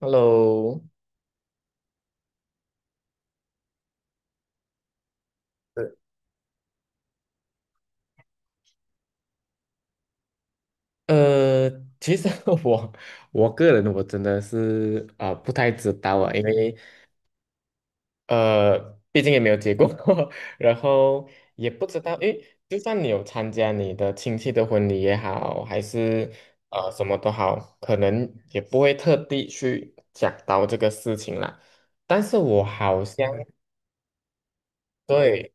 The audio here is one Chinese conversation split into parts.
Hello，对。呃，其实 我我个人，我真的是啊、不太知道啊，因为呃，毕竟也没有结过婚，然后也不知道，因为就算你有参加你的亲戚的婚礼也好，还是什么都好，可能也不会特地去讲到这个事情啦。但是我好像。嗯对，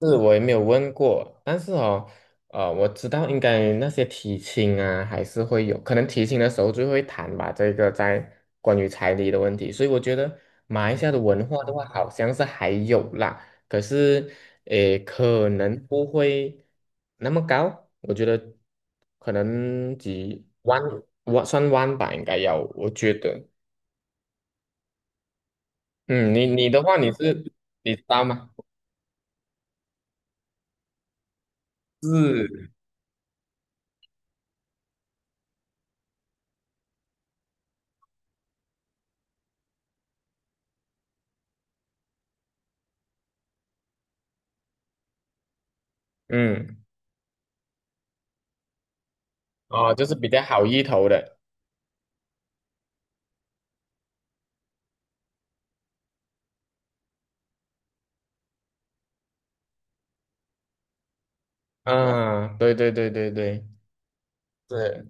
是我也没有问过，但是哦，我知道应该那些提亲啊，还是会有，可能提亲的时候就会谈吧，这个在关于彩礼的问题。所以我觉得马来西亚的文化的话，好像是还有啦，可是，诶，可能不会那么高。我觉得可能几万，万算万吧，应该要，我觉得，嗯，你的话，你知道吗？是，嗯，哦，就是比较好意头的。嗯，对对对对对对。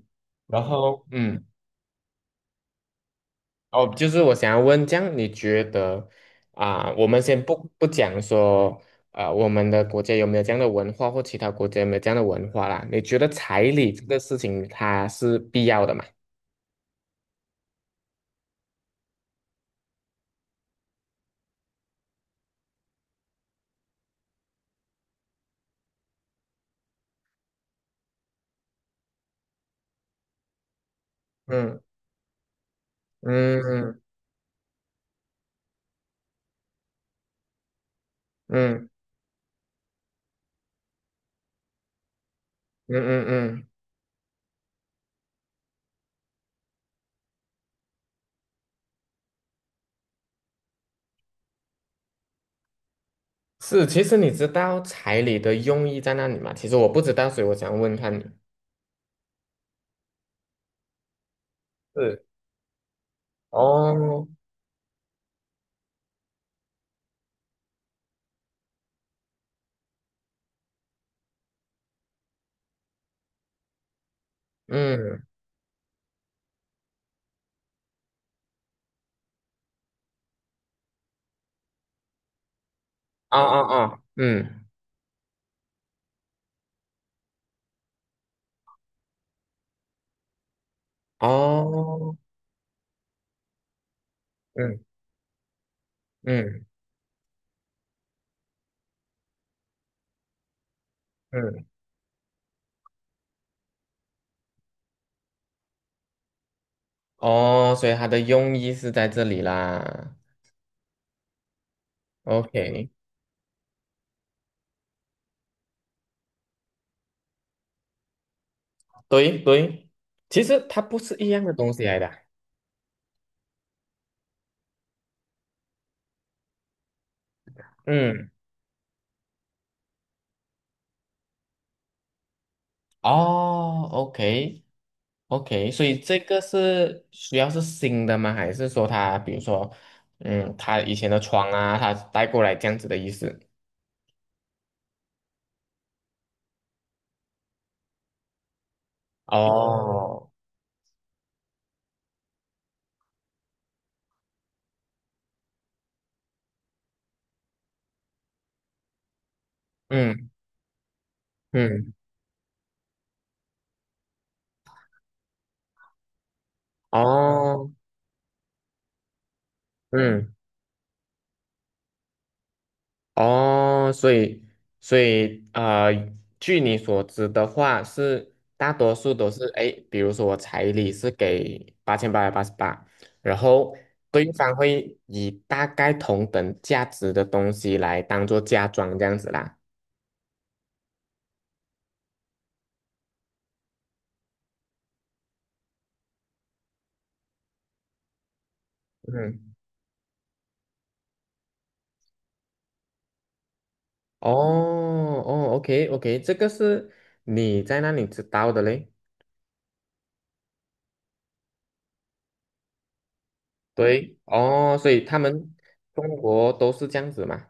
然后，嗯，哦，就是我想要问，这样你觉得啊、我们先不讲说，啊，我们的国家有没有这样的文化，或其他国家有没有这样的文化啦？你觉得彩礼这个事情它是必要的吗？嗯嗯嗯嗯嗯嗯嗯，是，其实你知道彩礼的用意在哪里吗？其实我不知道，所以我想问看你。是，哦，嗯，啊啊啊，嗯，哦，嗯。嗯嗯，哦，所以它的用意是在这里啦。OK，对对，其实它不是一样的东西来的啊。嗯，哦，OK OK，所以这个是需要是新的吗？还是说它，比如说，嗯，它以前的床啊，它带过来这样子的意思？哦，嗯嗯，哦，嗯。哦，所以啊，据你所知的话，是大多数都是哎，诶，比如说我彩礼是给8888，然后对方会以大概同等价值的东西来当做嫁妆这样子啦。嗯，哦哦，OK OK，这个是你在那里知道的嘞？对，哦，所以他们中国都是这样子嘛？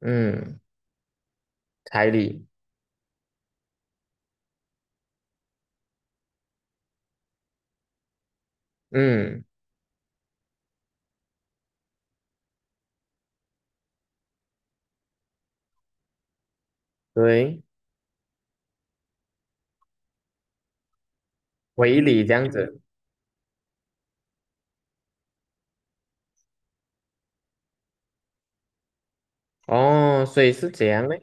嗯，彩礼，嗯，对。回礼这样子。哦，所以是这样的，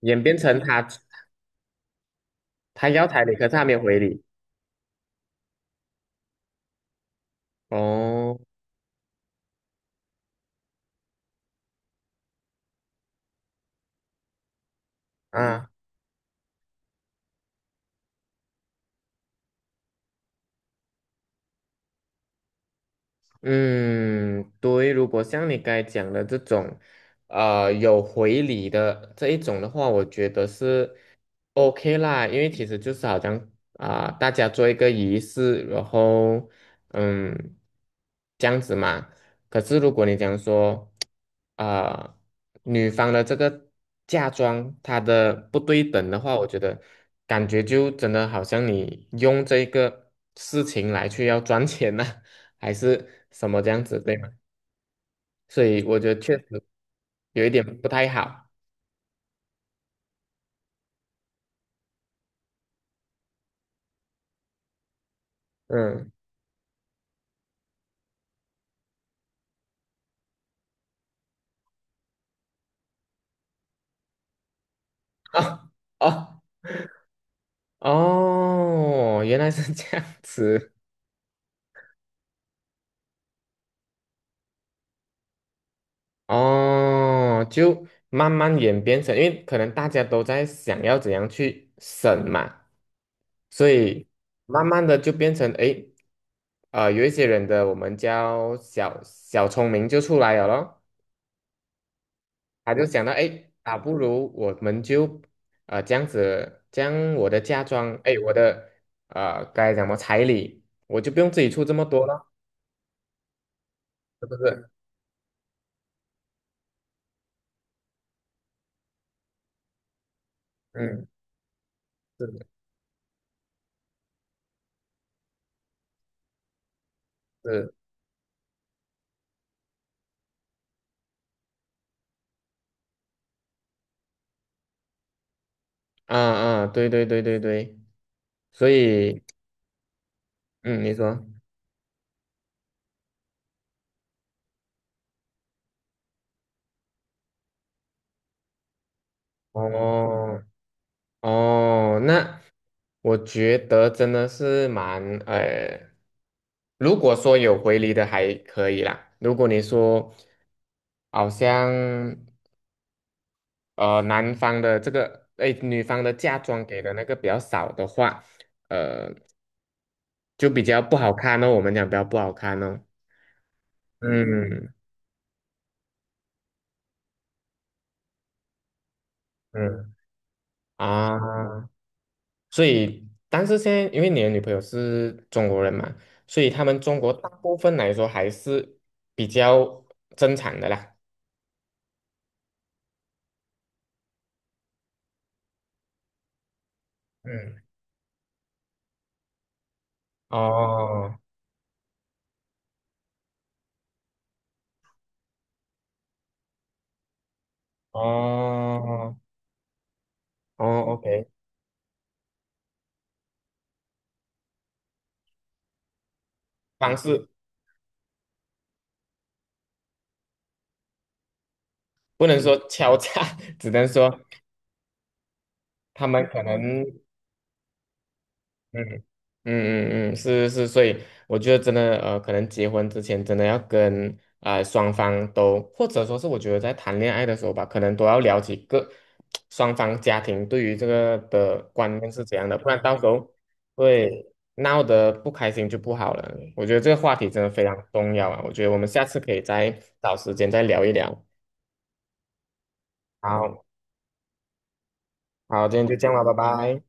演变成他要彩礼，可是他没有回礼。哦，啊。嗯，对，如果像你刚才讲的这种，有回礼的这一种的话，我觉得是 OK 啦。因为其实就是好像啊、大家做一个仪式，然后嗯，这样子嘛。可是如果你讲说，啊、女方的这个嫁妆她的不对等的话，我觉得感觉就真的好像你用这个事情来去要赚钱呐、还是什么这样子，对吗？所以我觉得确实有一点不太好。嗯，哦哦哦，原来是这样子。哦，就慢慢演变成，因为可能大家都在想要怎样去省嘛，所以慢慢的就变成，诶，有一些人的我们叫小小聪明就出来了咯。他就想到，哎，啊，不如我们就这样子，将我的嫁妆，哎，我的该怎么彩礼，我就不用自己出这么多了，是不是？嗯，是的，是啊啊，对对对对对，所以嗯，你说，哦哦，那我觉得真的是如果说有回礼的还可以啦。如果你说好像。男方的这个，哎，女方的嫁妆给的那个比较少的话，呃，就比较不好看哦。我们讲比较不好看哦。嗯嗯啊，所以但是现在因为你的女朋友是中国人嘛，所以他们中国大部分来说还是比较正常的啦。嗯，哦哦哦，OK，方式不能说敲诈，只能说他们可能嗯嗯嗯嗯，是是，是。所以我觉得真的，可能结婚之前真的要跟啊、双方都，或者说是我觉得在谈恋爱的时候吧，可能都要了解各双方家庭对于这个的观念是怎样的，不然到时候会闹得不开心就不好了。我觉得这个话题真的非常重要啊，我觉得我们下次可以再找时间再聊一聊。好好，今天就这样了，拜拜。